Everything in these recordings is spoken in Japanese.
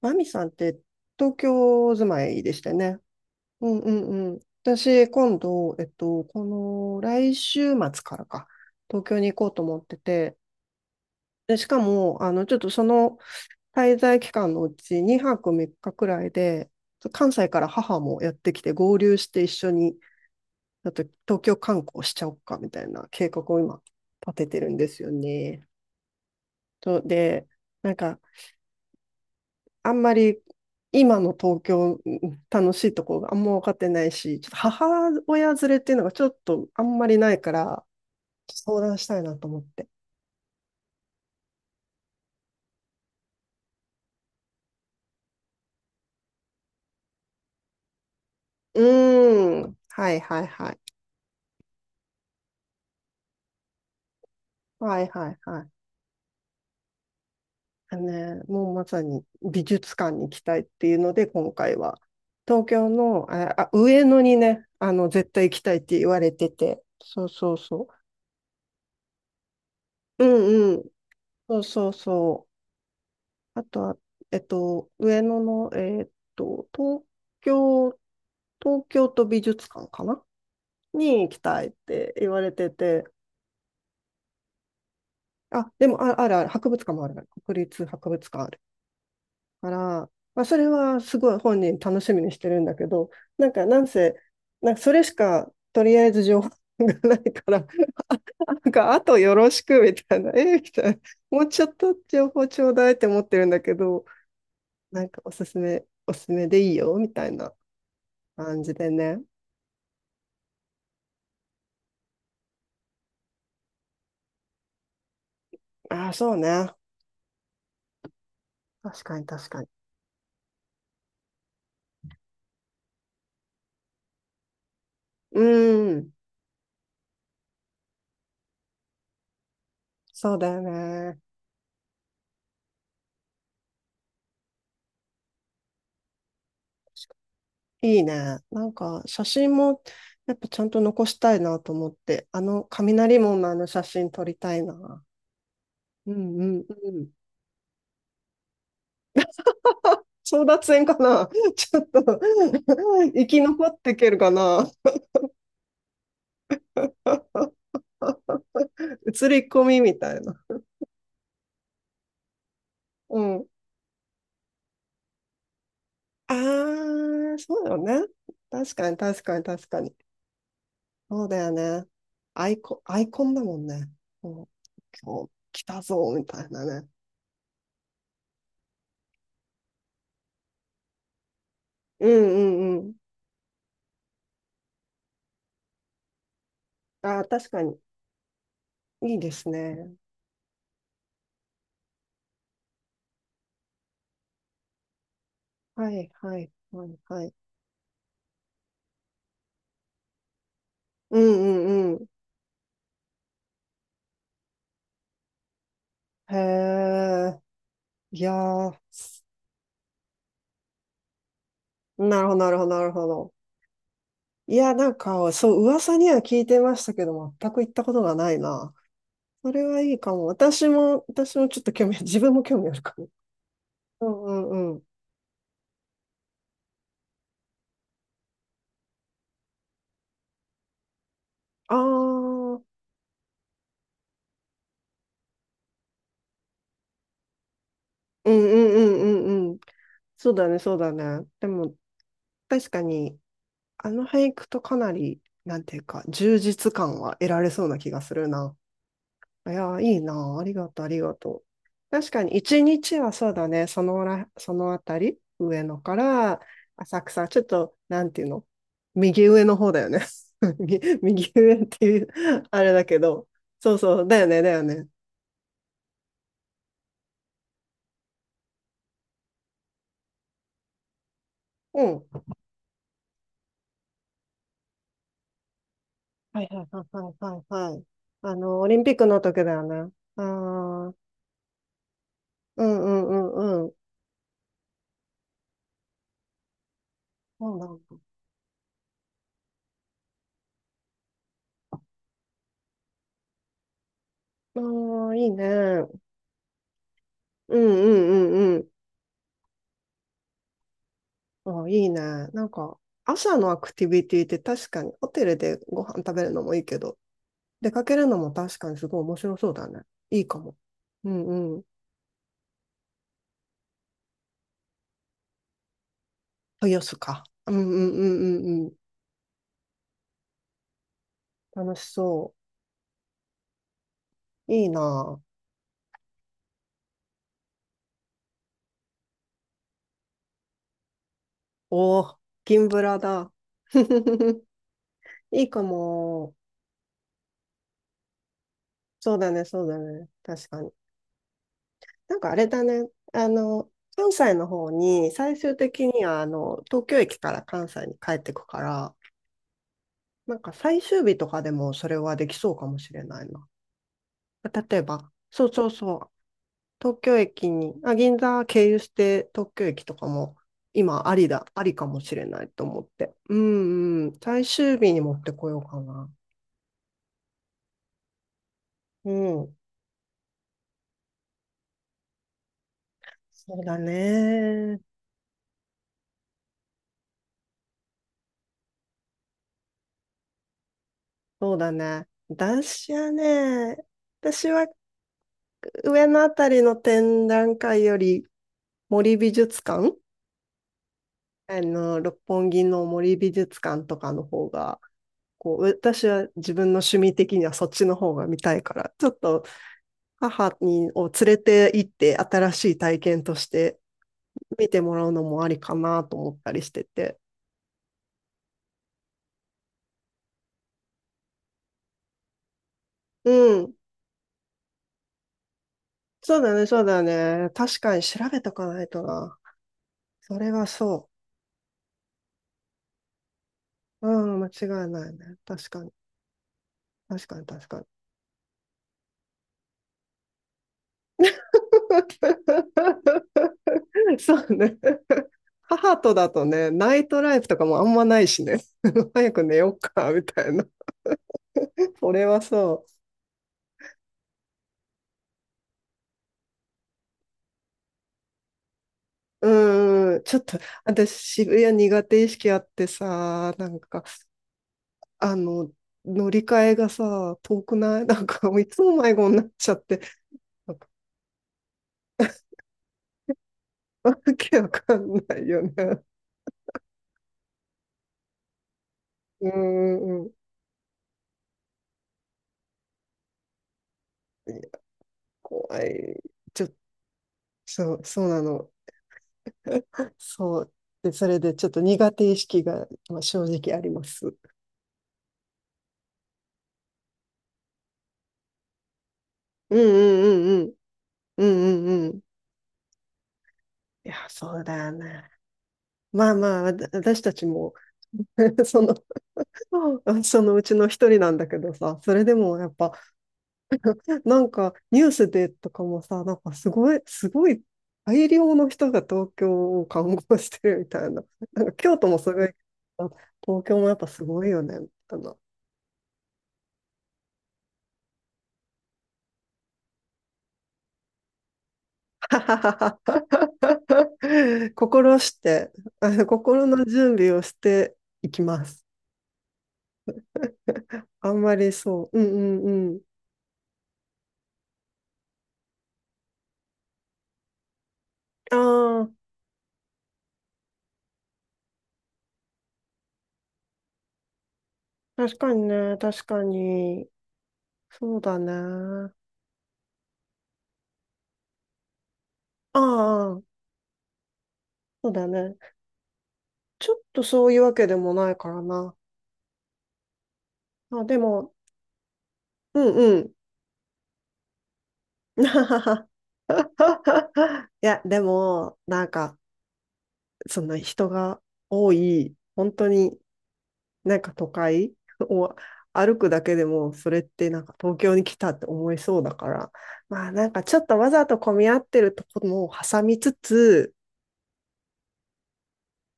マミさんって東京住まいでしたよね。うんうんうん。私、今度、この来週末からか、東京に行こうと思ってて、で、しかも、ちょっとその滞在期間のうち2泊3日くらいで、関西から母もやってきて合流して一緒に、ちょっと東京観光しちゃおっかみたいな計画を今立ててるんですよね。とで、なんかあんまり今の東京楽しいとこがあんま分かってないし、ちょっと母親連れっていうのがちょっとあんまりないから、相談したいなと思って。うーん。はいはいはい。はいはいはい。あのね、もうまさに美術館に行きたいっていうので、今回は。東京の、上野にね、絶対行きたいって言われてて。そうそうそう。うんうん。そうそうそう。あとは、上野の、と、東京、東京都美術館かなに行きたいって言われてて、あ、でも、あ、あるある、博物館もある、国立博物館あるから、まあ、それはすごい本人楽しみにしてるんだけど、なんか、なんせ、なんかそれしか、とりあえず情報がないから、なんか、あとよろしくみたいな、みたいな、もうちょっと情報ちょうだいって思ってるんだけど、なんかおすすめでいいよみたいな。感じでね。ああ、そうね。確かに確かに。うん。そうだよね。いいね。なんか写真もやっぱちゃんと残したいなと思って、あの雷門の写真撮りたいな。うんうんうん。争奪戦かな ちょっと 生き残っていけるかな 映り込みみたいな。うん。ああ、そうよね。確かに確かに確かに。そうだよね。アイコン、アイコンだもんね。もう今日来たぞ、みたいなね。うんうんうん。ああ、確かに。いいですね。はいはいはいはい。うんうんうん。へえ。いやー、なるほどなるほどなるほど。いや、なんか、そう、噂には聞いてましたけど、全く行ったことがないな。それはいいかも。私もちょっと自分も興味あるかも。うんうんうん。ああ、うんうんうんうんうん。そうだね、そうだね。でも、確かに、あの俳句とかなり、なんていうか、充実感は得られそうな気がするな。いやー、いいな。ありがとう、ありがとう。確かに、一日はそうだね、そのら、そのあたり、上野から浅草、ちょっと、なんていうの、右上の方だよね。右上っていうあれだけど、そうそう、だよね、だよね。うん。はいはいはいはいはいはい。オリンピックの時だよね。ああ。うんうんうんうん。そうなんだ。ああ、いいね。うんうんうんうん。ああ、いいね。なんか、朝のアクティビティって確かに、ホテルでご飯食べるのもいいけど、出かけるのも確かにすごい面白そうだね。いいかも。うんうん。豊洲か。うんうんうんうんうん。楽しそう。いいな。おお、銀ブラだ。いいかも。そうだね、そうだね。確かに。なんかあれだね、あの、関西の方に、最終的には、東京駅から関西に帰ってくから、なんか最終日とかでもそれはできそうかもしれないな。例えば、そうそうそう、東京駅に、あ、銀座経由して東京駅とかも、今ありだ、ありかもしれないと思って。うんうん、最終日に持ってこようかな。うん、そうだね。そうだね。私は上のあたりの展覧会より森美術館あの、六本木の森美術館とかの方が、こう、私は自分の趣味的にはそっちの方が見たいから、ちょっと母にを連れて行って新しい体験として見てもらうのもありかなと思ったりしてて。うん。そうだね、そうだね。確かに調べとかないとな。それはそう。うん、間違いないね。確かに。確かに、確かに。そうね。母とだとね、ナイトライフとかもあんまないしね。早く寝よっか、みたいな。俺はそう。うーん、ちょっと、私、渋谷苦手意識あってさ、なんか、あの、乗り換えがさ、遠くない なんか、いつも迷子になっちゃって、なんか、わけわかんないよね。うーん、怖い。ちょ、そうなの。そう。で、それでちょっと苦手意識がまあ正直あります。うんうんうんうん。うんうんうん。いや、そうだな。まあまあ、私たちも その、そのうちの一人なんだけどさ、それでもやっぱ、なんかニュースでとかもさ、なんかすごい大量の人が東京を観光してるみたいな。なんか京都もすごいけど、東京もやっぱすごいよね、みたいな。心して、心の準備をしていきます。あんまりそう。うんうんうん。ああ、確かにね、確かに。そうだね。ああ、そうだね。ちょっとそういうわけでもないからな。あ、でも、うんうん。いや、でも、なんか、その人が多い、本当になんか都会を歩くだけでも、それってなんか東京に来たって思いそうだから、まあなんかちょっとわざと混み合ってるところも挟みつつ、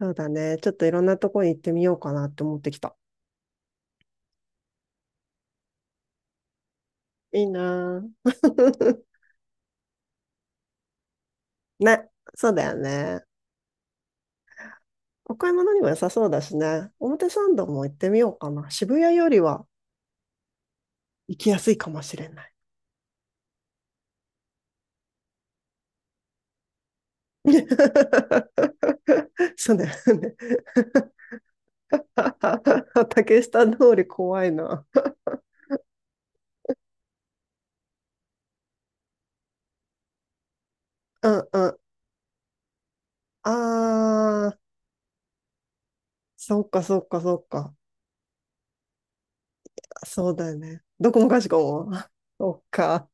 そうだね。ちょっといろんなとこに行ってみようかなって思ってきた。いいなぁ ね。そうだよね。お買い物にも良さそうだしね。表参道も行ってみようかな。渋谷よりは行きやすいかもしれない。そうだよね。竹下通り怖いな。うんうん。ああ、そっかそっかそっか。そうだよね。どこもかしこも。そっか。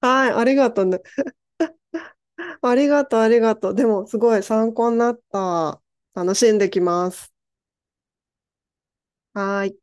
はい、ありがとうね。ありがとう、ありがとう。でも、すごい参考になった。楽しんできます。はーい。